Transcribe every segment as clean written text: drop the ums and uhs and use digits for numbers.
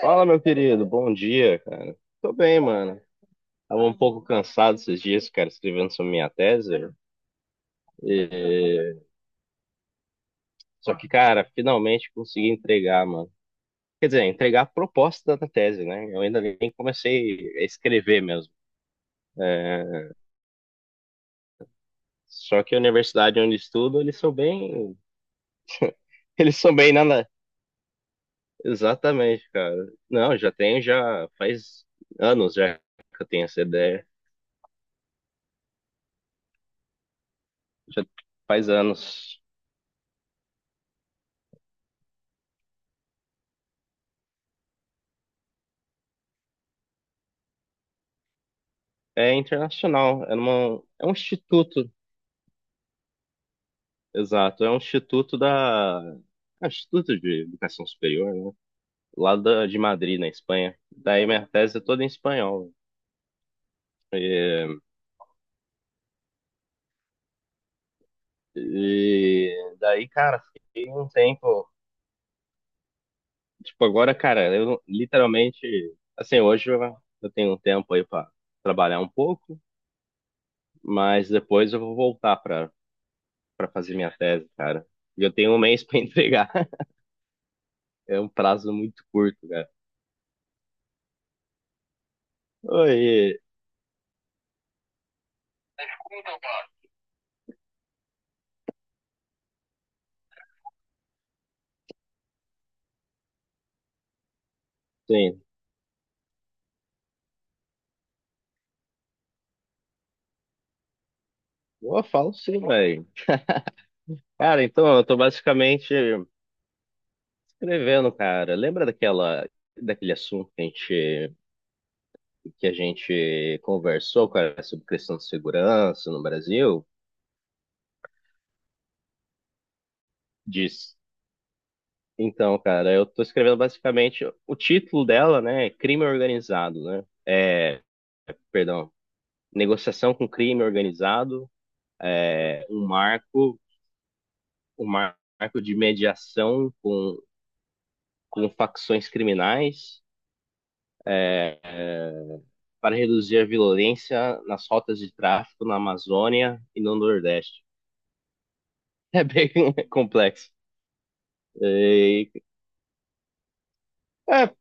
Fala, meu querido. Bom dia, cara. Tô bem, mano. Tava um pouco cansado esses dias, cara, escrevendo sobre minha tese. Só que, cara, finalmente consegui entregar, mano. Quer dizer, entregar a proposta da tese, né? Eu ainda nem comecei a escrever mesmo. Só que a universidade onde estudo, eles são bem. Eles são bem nada. Exatamente, cara. Não, já tenho, já faz anos já que eu tenho essa ideia. Já faz anos. É internacional. É um instituto. Exato, é um instituto da. É um Instituto de Educação Superior, né? Lá de Madrid, na Espanha. Daí minha tese é toda em espanhol. E daí, cara, fiquei um tempo. Tipo, agora, cara, eu não- literalmente. Assim, hoje eu tenho um tempo aí pra trabalhar um pouco, mas depois eu vou voltar pra fazer minha tese, cara. E eu tenho um mês pra entregar. É um prazo muito curto, cara. Oi, sim. Eu falo sim, velho. Cara, então, eu tô basicamente escrevendo, cara. Lembra daquele assunto que a gente conversou, cara, sobre questão de segurança no Brasil? Diz. Então, cara, eu tô escrevendo basicamente o título dela, né? É crime organizado, né? Perdão, negociação com crime organizado, é um marco, um marco de mediação com facções criminais. é, para reduzir a violência nas rotas de tráfico na Amazônia e no Nordeste. É bem complexo. E, é,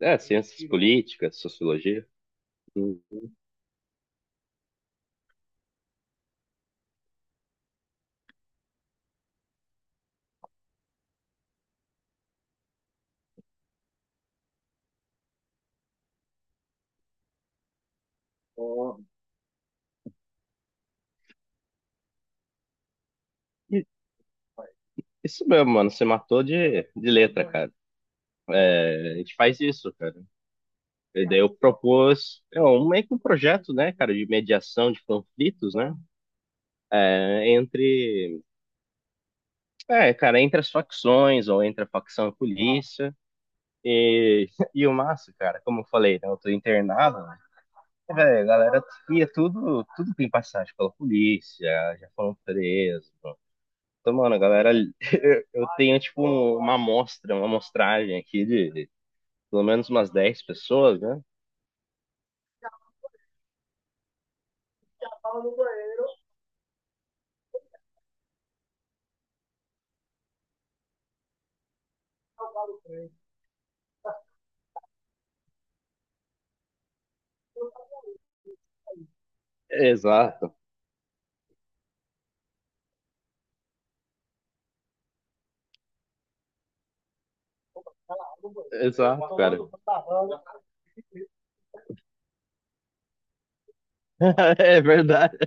Ciências políticas, sociologia. Isso mesmo, mano. Você matou de letra, cara. A gente faz isso, cara. E daí eu propus meio que um projeto, né, cara, de mediação de conflitos, né? É, entre, Cara, entre as facções ou entre a facção e a polícia. E, e o massa, cara, como eu falei, né, eu tô internado, velho. A galera tudo tem passagem pela polícia, já foram presos. Então, mano, a galera, eu tenho tipo uma amostragem aqui de pelo menos umas 10 pessoas, né? Exato, exato, cara. É verdade.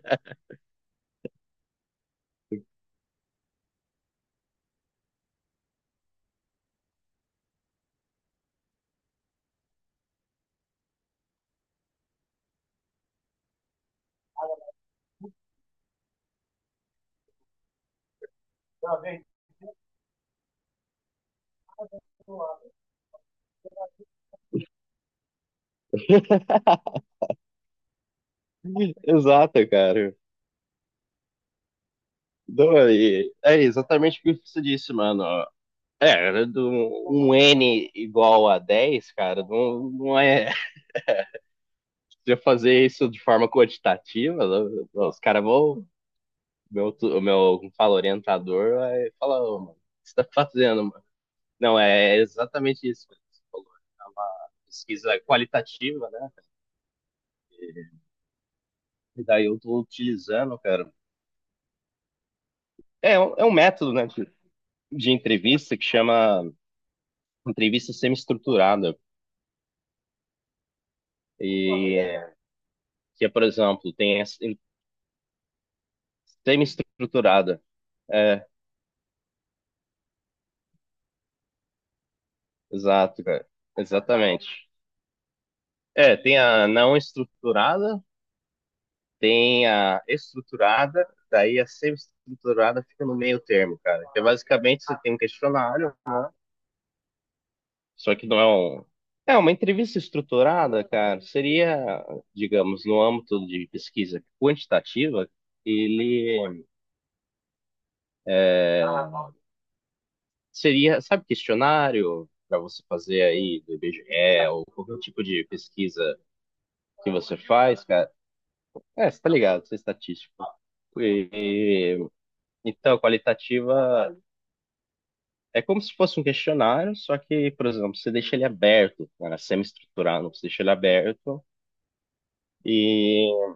Exato, cara. Então, aí, é exatamente o que você disse, mano. É, do, Um N igual a 10, cara, não, não é. Se eu fazer isso de forma quantitativa, os caras vão. Meu, o meu como fala, orientador vai falar, ô, mano, o que você tá fazendo, mano? Não, é exatamente isso que você falou. É uma pesquisa qualitativa, né? E daí eu tô utilizando, cara. É um método, né, de entrevista que chama entrevista semi-estruturada. E é, que é, por exemplo, tem essa semi-estruturada. É, exato, cara. Exatamente. Tem a não estruturada, tem a estruturada, daí a semi-estruturada fica no meio termo, cara. Que é basicamente você tem um questionário, só que não é um. Uma entrevista estruturada, cara, seria, digamos, no âmbito de pesquisa quantitativa, ele seria, sabe, questionário para você fazer aí do IBGE ou qualquer tipo de pesquisa que você faz, cara. É, você tá ligado, você é estatístico. E, Qualitativa. É como se fosse um questionário, só que, por exemplo, você deixa ele aberto, né, é semi-estruturado, você deixa ele aberto e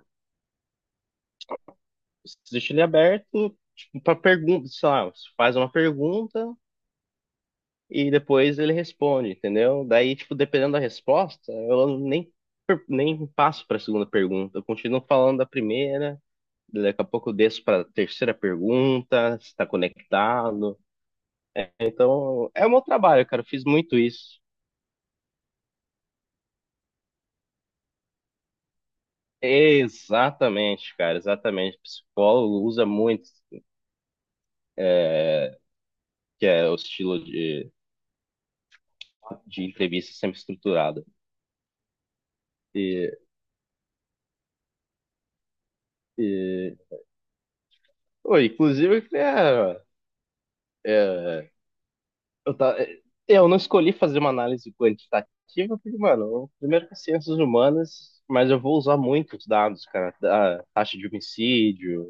você deixa ele aberto tipo, para pergunta, sei lá, você faz uma pergunta e depois ele responde, entendeu? Daí, tipo, dependendo da resposta, eu nem, passo para a segunda pergunta, eu continuo falando da primeira, daqui a pouco eu desço para a terceira pergunta, se está conectado. É, então, é o meu trabalho, cara, eu fiz muito isso. Exatamente, cara, exatamente. Psicólogo usa muito, que é o estilo de entrevista sempre estruturada. E, e... Pô, inclusive, eu queria- eu, ta- eu não escolhi fazer uma análise quantitativa, porque, mano, primeiro que é ciências humanas, mas eu vou usar muitos dados, cara, da taxa de homicídio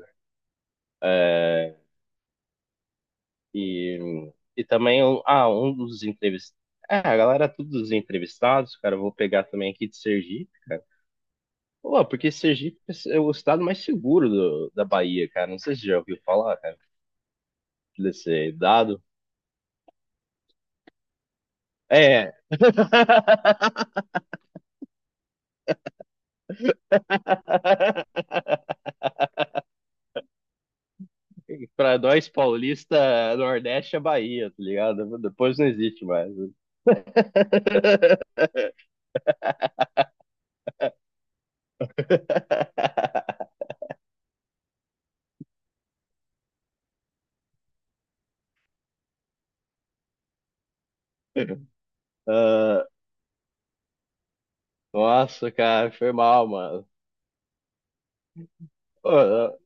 e, e também, um dos entrevistados. Todos os entrevistados, cara, eu vou pegar também aqui de Sergipe. Pô, porque Sergipe é o estado mais seguro da Bahia, cara. Não sei se você já ouviu falar, cara, desse dado. É. Pra nós paulista, Nordeste é Bahia, tá ligado? Depois não existe mais. Ah, nossa, cara, foi mal, mano. Pô,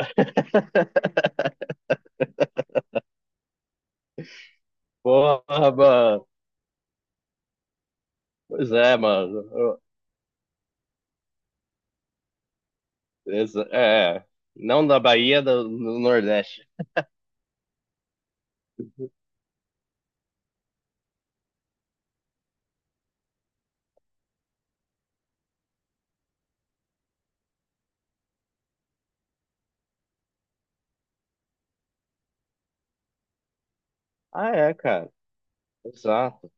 ah, Porra, mano. Pois é, mano. Ah, exa- É, não da Bahia, do Nordeste. Ah, é, cara. Exato.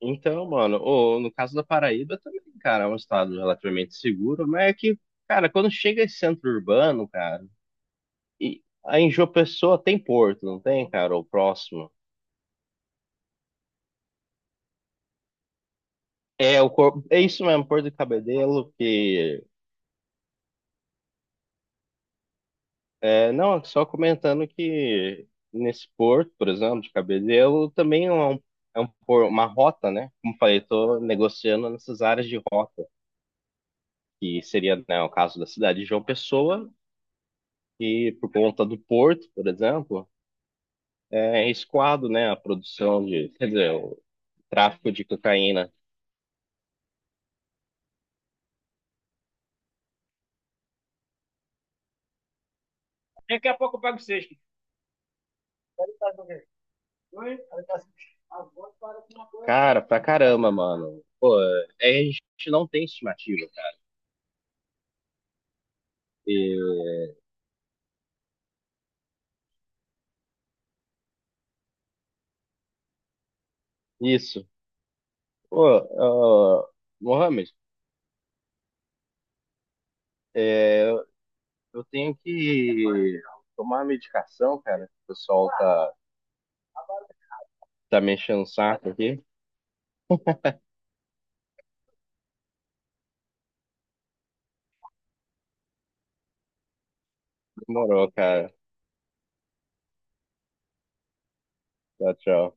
Então, mano, ô, no caso da Paraíba também, cara, é um estado relativamente seguro, mas é que, cara, quando chega esse centro urbano, cara, e aí em João Pessoa tem porto, não tem, cara, ou próximo. É isso mesmo, Porto de Cabedelo. Não, só comentando que nesse porto, por exemplo, de Cabedelo, também é um, uma rota, né? Como falei, tô negociando nessas áreas de rota, que seria, né, o caso da cidade de João Pessoa, e por conta do porto, por exemplo, é escoado, né? A produção de, quer dizer, o tráfico de cocaína. Cara, pra caramba, mano. Pô, a gente não tem estimativa, cara. E- isso. Pô, Mohamed, é, eu tenho que tomar a medicação, cara. O pessoal tá me enchendo o saco aqui. Demorou, cara. Tchau, tchau.